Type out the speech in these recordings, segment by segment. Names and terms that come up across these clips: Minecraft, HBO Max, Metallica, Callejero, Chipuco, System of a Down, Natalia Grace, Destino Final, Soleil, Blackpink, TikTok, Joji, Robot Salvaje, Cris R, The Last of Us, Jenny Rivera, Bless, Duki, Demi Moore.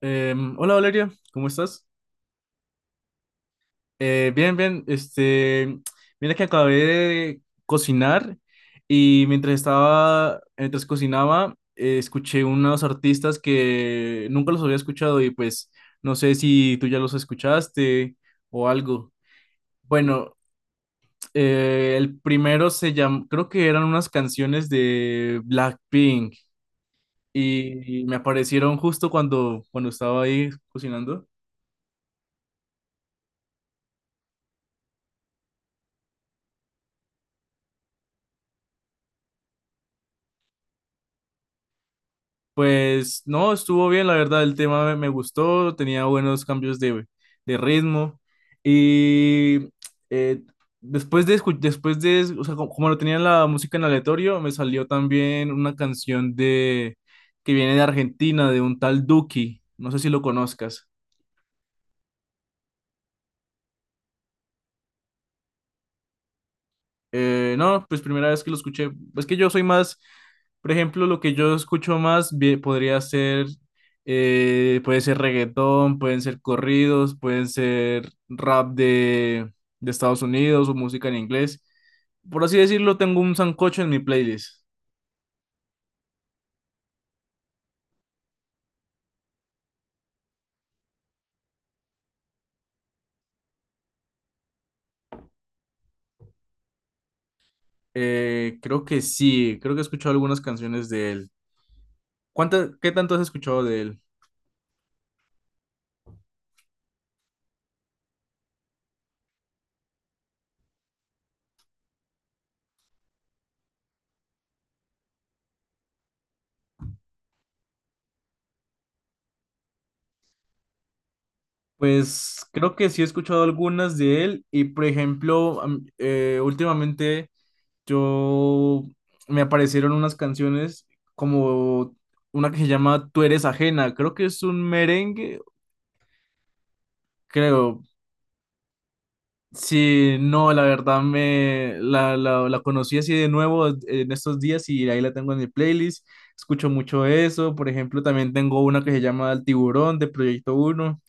Hola Valeria, ¿cómo estás? Bien, bien. Mira que acabé de cocinar y mientras cocinaba, escuché unos artistas que nunca los había escuchado y pues no sé si tú ya los escuchaste o algo. Bueno, el primero se llamó, creo que eran unas canciones de Blackpink y me aparecieron justo cuando estaba ahí cocinando. Pues no, estuvo bien, la verdad, el tema me gustó, tenía buenos cambios de ritmo y eh, después de, escu- después de, es- o sea, como, lo tenía la música en aleatorio, me salió también una canción de que viene de Argentina, de un tal Duki, no sé si lo conozcas. No, pues primera vez que lo escuché. Es que yo soy más, por ejemplo, lo que yo escucho más bien podría ser, puede ser reggaetón, pueden ser corridos, pueden ser rap de Estados Unidos o música en inglés. Por así decirlo, tengo un sancocho en mi playlist. Creo que sí, creo que he escuchado algunas canciones de él. ¿Qué tanto has escuchado de él? Pues creo que sí he escuchado algunas de él y por ejemplo, últimamente... Yo me aparecieron unas canciones como una que se llama Tú eres ajena, creo que es un merengue, creo. Sí, no, la verdad me la conocí así de nuevo en estos días y ahí la tengo en mi playlist. Escucho mucho eso, por ejemplo, también tengo una que se llama El Tiburón de Proyecto uno.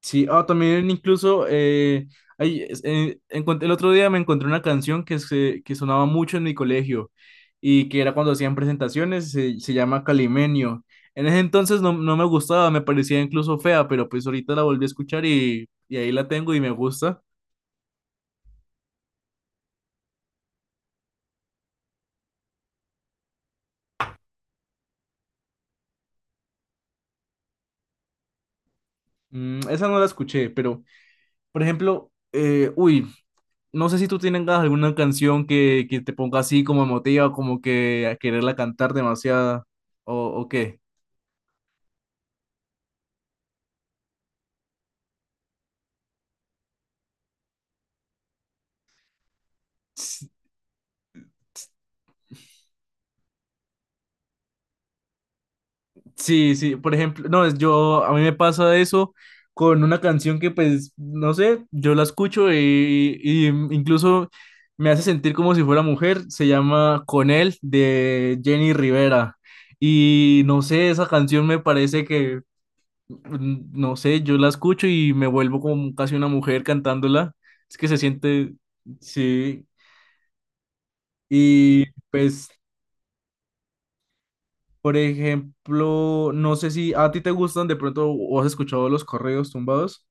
Sí, ah, también incluso el otro día me encontré una canción que, se, que sonaba mucho en mi colegio y que era cuando hacían presentaciones, se llama Calimenio. En ese entonces no me gustaba, me parecía incluso fea, pero pues ahorita la volví a escuchar y ahí la tengo y me gusta. Esa no la escuché, pero por ejemplo, uy, no sé si tú tienes alguna canción que te ponga así como emotiva, como que a quererla cantar demasiado o, o qué. Sí, sí, por ejemplo, no, es yo, a mí me pasa eso con una canción que pues, no sé, yo la escucho y incluso me hace sentir como si fuera mujer, se llama Con él de Jenny Rivera y no sé, esa canción me parece que, no sé, yo la escucho y me vuelvo como casi una mujer cantándola, es que se siente, sí, y pues. Por ejemplo, no sé si a ti te gustan de pronto o has escuchado los correos tumbados.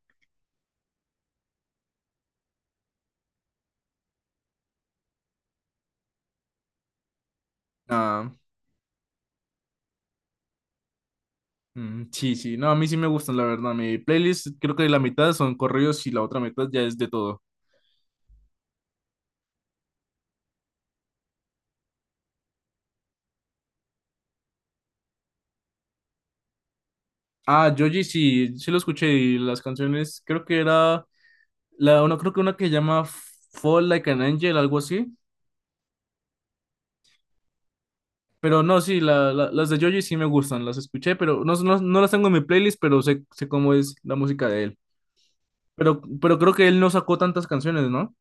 Ah, sí, sí, no, a mí sí me gustan, la verdad. Mi playlist creo que la mitad son correos y la otra mitad ya es de todo. Ah, Joji sí, sí lo escuché y las canciones, creo que era la una, creo que una que llama Fall Like an Angel, algo así. Pero no, sí, las de Joji sí me gustan, las escuché, pero no, no, no las tengo en mi playlist, pero sé cómo es la música de él. Pero creo que él no sacó tantas canciones, ¿no?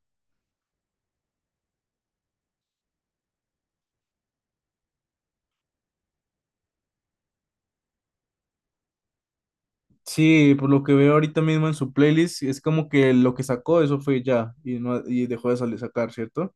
Sí, por lo que veo ahorita mismo en su playlist, es como que lo que sacó, eso fue ya, y, no, y dejó de salir sacar, ¿cierto?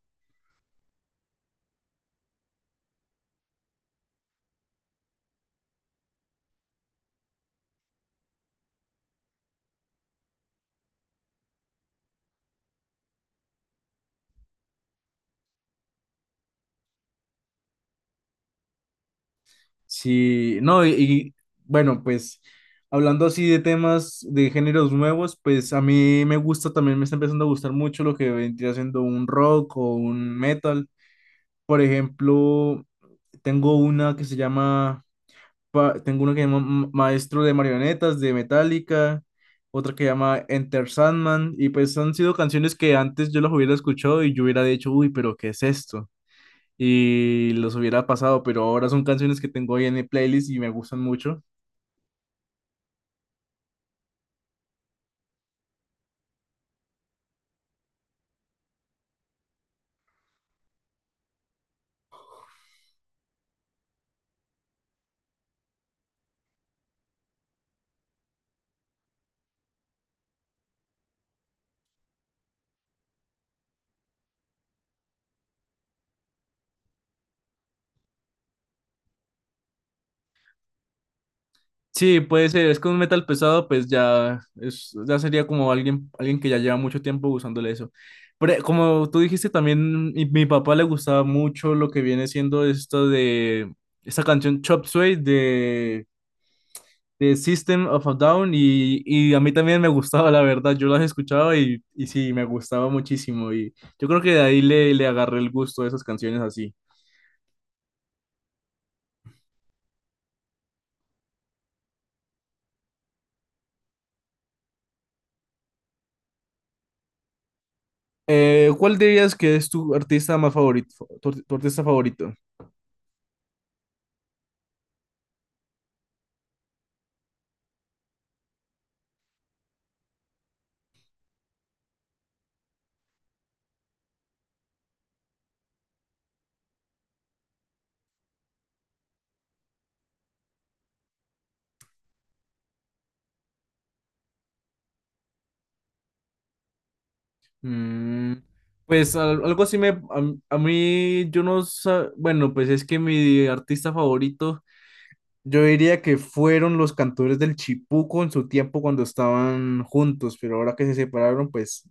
Sí, no, bueno, pues hablando así de temas de géneros nuevos, pues a mí me gusta también, me está empezando a gustar mucho lo que vendría siendo un rock o un metal. Por ejemplo, tengo una que se llama tengo uno que llama Maestro de Marionetas de Metallica, otra que llama Enter Sandman, y pues han sido canciones que antes yo las hubiera escuchado y yo hubiera dicho, uy, pero ¿qué es esto? Y los hubiera pasado, pero ahora son canciones que tengo ahí en mi playlist y me gustan mucho. Sí, puede ser, es que un metal pesado, pues ya, es, ya sería como alguien que ya lleva mucho tiempo usándole eso. Pero como tú dijiste también, mi papá le gustaba mucho lo que viene siendo esto de esta canción Chop Suey de System of a Down y a mí también me gustaba, la verdad, yo las escuchaba y sí, me gustaba muchísimo y yo creo que de ahí le agarré el gusto a esas canciones así. ¿Cuál dirías que es tu artista más favorito, tu artista favorito? Mm, pues algo así a mí yo no sa- bueno, pues es que mi artista favorito. Yo diría que fueron los cantores del Chipuco en su tiempo cuando estaban juntos, pero ahora que se separaron, pues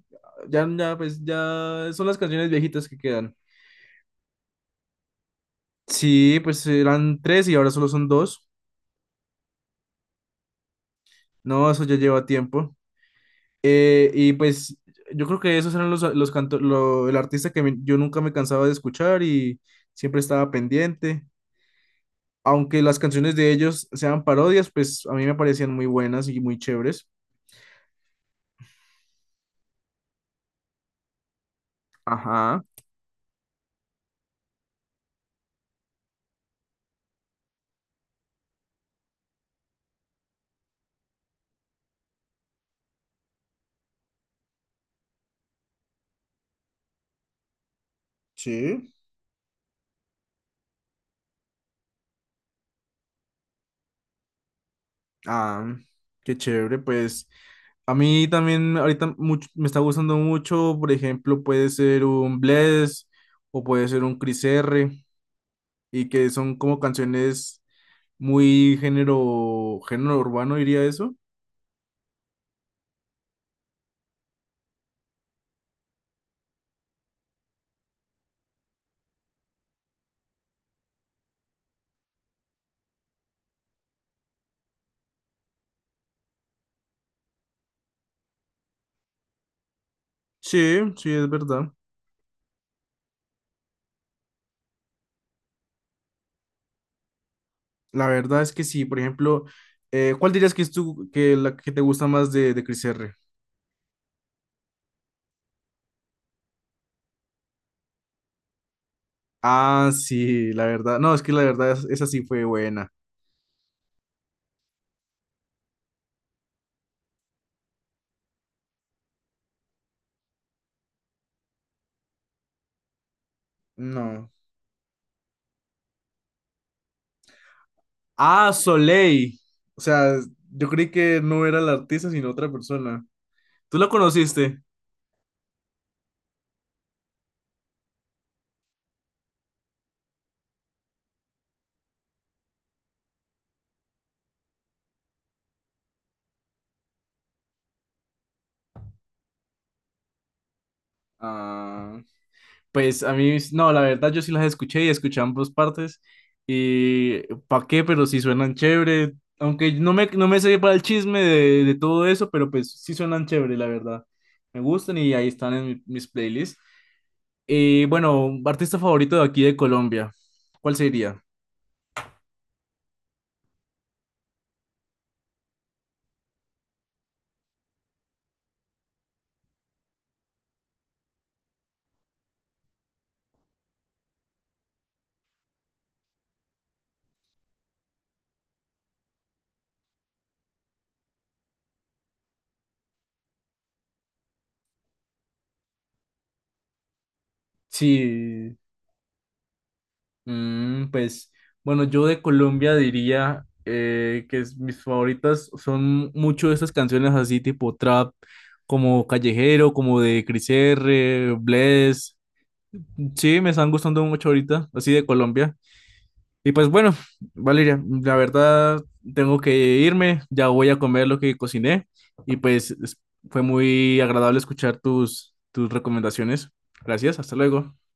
ya son las canciones viejitas que quedan. Sí, pues eran tres y ahora solo son dos. No, eso ya lleva tiempo. Y pues yo creo que esos eran el artista que yo nunca me cansaba de escuchar y siempre estaba pendiente. Aunque las canciones de ellos sean parodias, pues a mí me parecían muy buenas y muy chéveres. Ajá, sí. Ah, qué chévere, pues a mí también ahorita mucho, me está gustando mucho, por ejemplo, puede ser un Bless o puede ser un Cris R, y que son como canciones muy género urbano, diría eso. Sí, sí, es verdad. La verdad es que sí, por ejemplo, ¿cuál dirías que es que la que te gusta más de Cris R? Ah, sí, la verdad, no, es que la verdad esa sí fue buena. No. Ah, Soleil. O sea, yo creí que no era la artista, sino otra persona. ¿Tú la conociste? Ah. Pues a mí, no, la verdad yo sí las escuché y escuché ambas partes. Y pa' qué, pero sí suenan chévere. Aunque no me sé para el chisme de todo eso, pero pues sí suenan chévere, la verdad. Me gustan y ahí están en mis playlists. Y bueno, artista favorito de aquí de Colombia, ¿cuál sería? Sí. Pues bueno, yo de Colombia diría que mis favoritas son mucho de esas canciones así tipo trap, como Callejero, como de Cris R, Bless. Sí, me están gustando mucho ahorita, así de Colombia. Y pues bueno, Valeria, la verdad tengo que irme, ya voy a comer lo que cociné y pues fue muy agradable escuchar tus recomendaciones. Gracias, hasta luego.